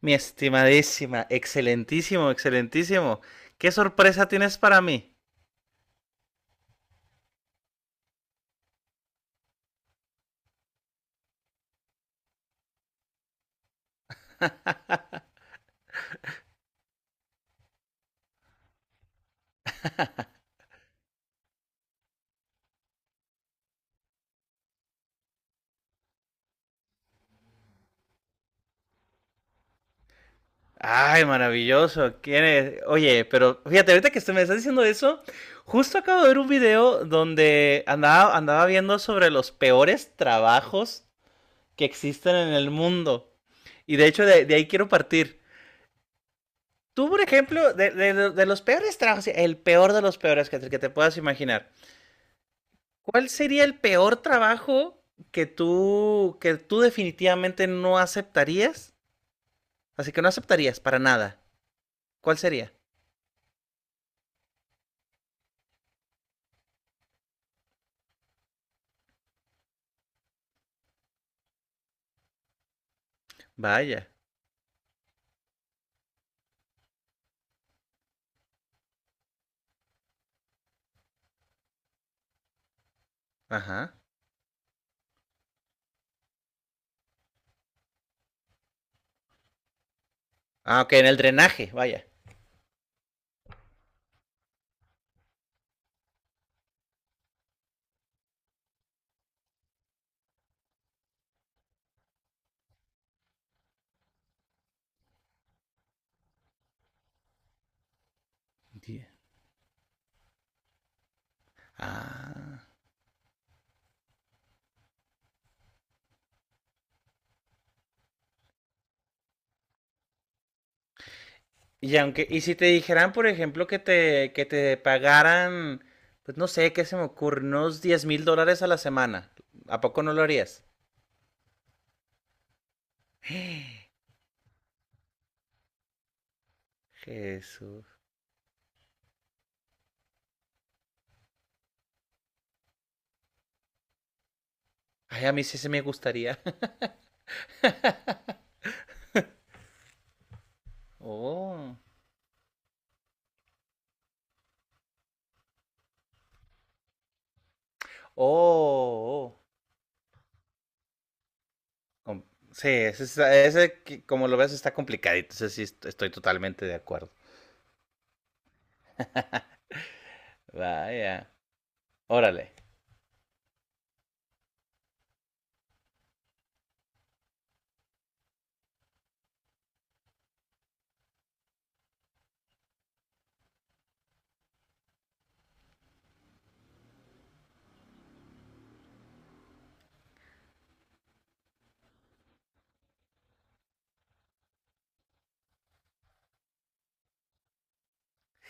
Mi estimadísima, excelentísimo, excelentísimo. ¿Qué sorpresa tienes para mí? Ay, maravilloso. ¿Quién es? Oye, pero fíjate, ahorita que usted me está diciendo eso, justo acabo de ver un video donde andaba viendo sobre los peores trabajos que existen en el mundo. Y de hecho, de ahí quiero partir. Tú, por ejemplo, de los peores trabajos, el peor de los peores que te puedas imaginar. ¿Cuál sería el peor trabajo que tú definitivamente no aceptarías? Así que no aceptarías para nada. ¿Cuál sería? Vaya. Ajá. Ah, ok, en el drenaje, vaya. Di- Ah. Y aunque, y si te dijeran, por ejemplo, que te pagaran, pues no sé, qué se me ocurre, unos $10,000 a la semana, ¿a poco no lo harías? Jesús. Ay, a mí sí se me gustaría. Oh, oh. Com- Sí, ese, está- ese que- como lo ves está complicadito, ese sí est- estoy totalmente de acuerdo. Vaya, órale,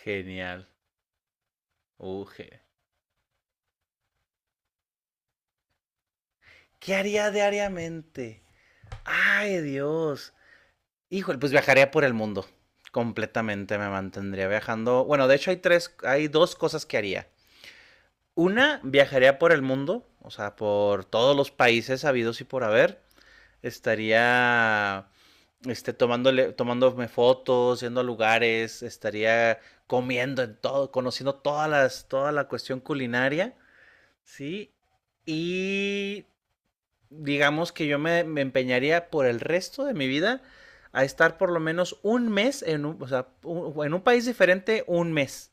genial. Ge- ¿Qué haría diariamente? Ay, Dios. Híjole, pues viajaría por el mundo. Completamente me mantendría viajando. Bueno, de hecho hay tres, hay dos cosas que haría. Una, viajaría por el mundo, o sea, por todos los países habidos y por haber. Estaría este, tomándole, tomándome fotos, yendo a lugares, estaría comiendo en todo, conociendo todas las, toda la cuestión culinaria, ¿sí? Y digamos que yo me empeñaría por el resto de mi vida a estar por lo menos un mes en un, o sea, un- en un país diferente, un mes.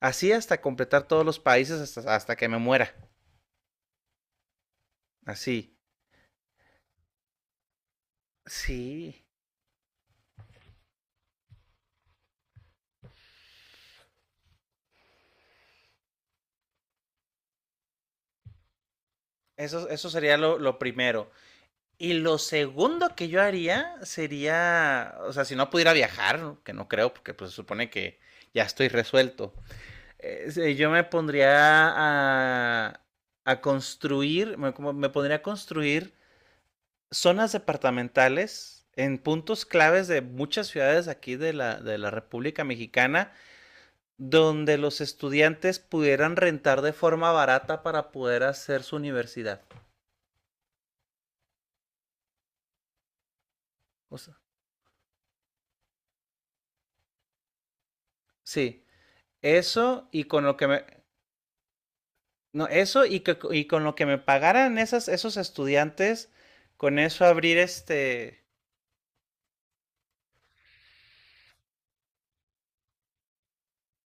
Así hasta completar todos los países hasta que me muera. Así. Sí. Eso sería lo primero. Y lo segundo que yo haría sería, o sea, si no pudiera viajar, que no creo, porque pues se supone que ya estoy resuelto, yo me pondría a, a construir, me, como me pondría a construir zonas departamentales en puntos claves de muchas ciudades aquí de la República Mexicana, donde los estudiantes pudieran rentar de forma barata para poder hacer su universidad. O sea, sí, eso y con lo que me, no, eso y, que- y con lo que me pagaran esas, esos estudiantes, con eso abrir este...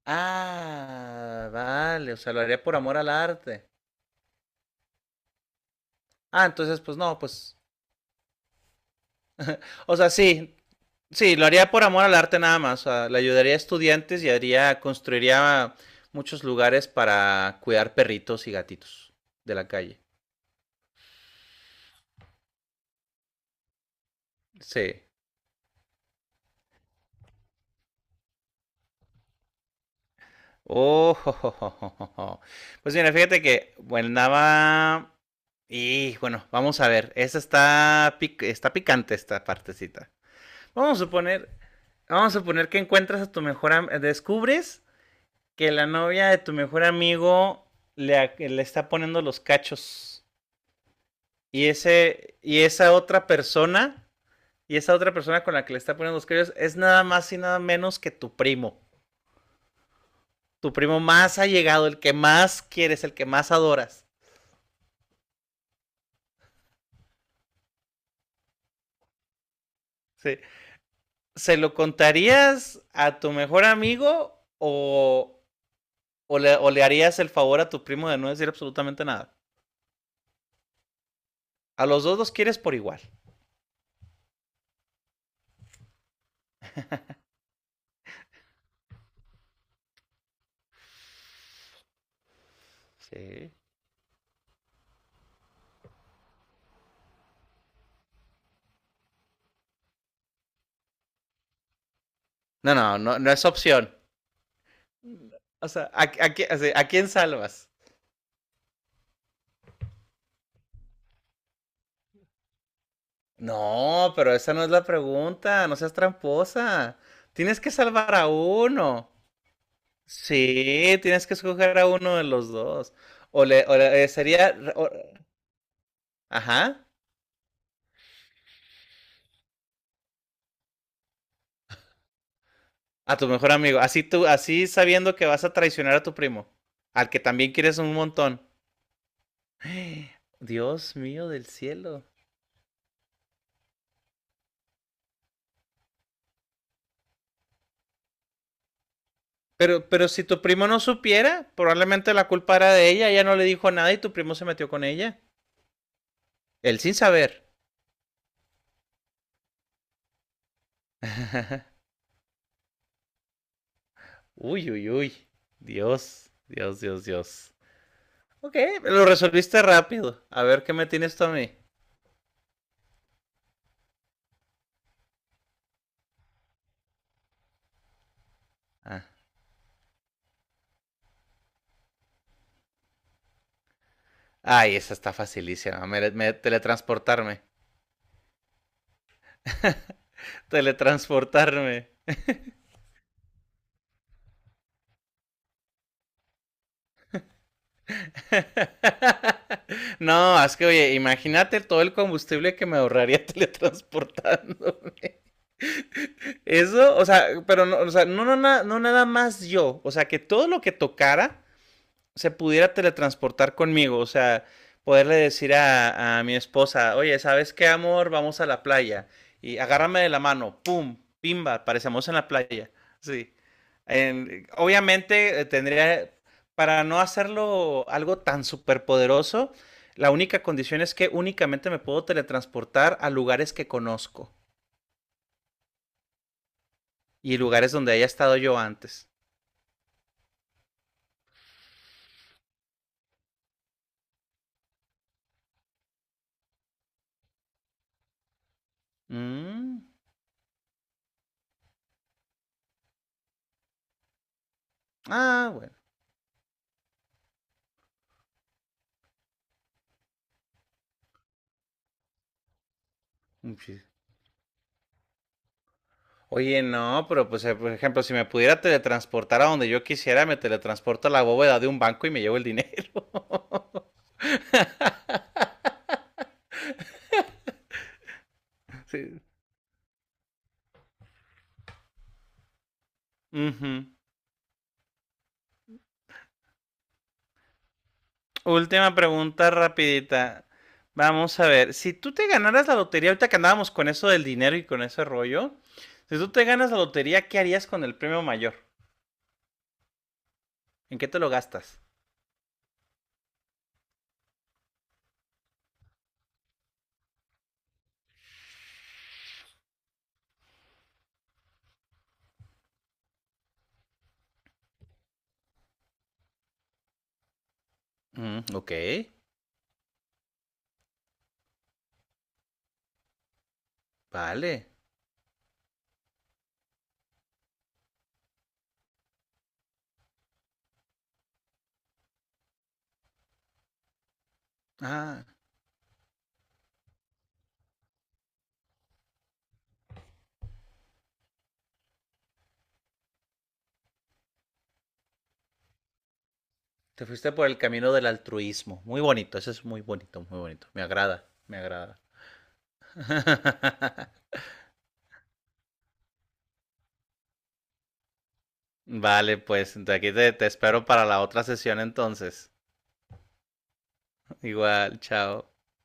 Ah, vale, o sea, lo haría por amor al arte. Ah, entonces, pues no, pues... O sea, sí, sí, lo haría por amor al arte nada más. O sea, le ayudaría a estudiantes y haría, construiría muchos lugares para cuidar perritos y gatitos de la calle. Sí. Oh, jo, jo, jo, jo, jo, pues mira, fíjate que, bueno, andaba. Y bueno, vamos a ver. Esa está, pic- está picante esta partecita. Vamos a suponer, vamos a suponer que encuentras a tu mejor am- descubres que la novia de tu mejor amigo le, a- le está poniendo los cachos. Y ese, y esa otra persona, y esa otra persona con la que le está poniendo los cachos es nada más y nada menos que tu primo. Tu primo más allegado, el que más quieres, el que más adoras. Sí. ¿Se lo contarías a tu mejor amigo o, o le harías el favor a tu primo de no decir absolutamente nada? A los dos los quieres por igual. Sí. No, no, no, no es opción. O sea, a qui- ¿a quién salvas? No, pero esa no es la pregunta, no seas tramposa. Tienes que salvar a uno. Sí, tienes que escoger a uno de los dos. O le- sería, o- ajá, a tu mejor amigo. Así tú, así sabiendo que vas a traicionar a tu primo, al que también quieres un montón. Dios mío del cielo. Pero si tu primo no supiera, probablemente la culpa era de ella, ella no le dijo nada y tu primo se metió con ella. Él sin saber. Uy, uy, uy. Dios, Dios, Dios, Dios. Ok, lo resolviste rápido. A ver qué me tienes tú a mí. Ah. Ay, esa está facilísima. Me- me- teletransportarme. Teletransportarme. No, es que oye, imagínate todo el combustible que me ahorraría teletransportarme. Eso, o sea, pero no, o sea, no, no, na- no nada más yo, o sea, que todo lo que tocara se pudiera teletransportar conmigo, o sea, poderle decir a mi esposa, oye, ¿sabes qué, amor? Vamos a la playa y agárrame de la mano, pum, pimba, aparecemos en la playa, sí. En- obviamente tendría, para no hacerlo algo tan superpoderoso, la única condición es que únicamente me puedo teletransportar a lugares que conozco y lugares donde haya estado yo antes. Mm, ah, bueno. Un chis- oye, no, pero pues, por ejemplo, si me pudiera teletransportar a donde yo quisiera, me teletransporto a la bóveda de un banco y me llevo el dinero. Sí. Ujú. Última pregunta rapidita. Vamos a ver, si tú te ganaras la lotería, ahorita que andábamos con eso del dinero y con ese rollo, si tú te ganas la lotería, ¿qué harías con el premio mayor? ¿En qué te lo gastas? Mm, ok, vale. Ah, te fuiste por el camino del altruismo. Muy bonito, eso es muy bonito, muy bonito. Me agrada, me agrada. Vale, pues de aquí te, te espero para la otra sesión entonces. Igual, chao.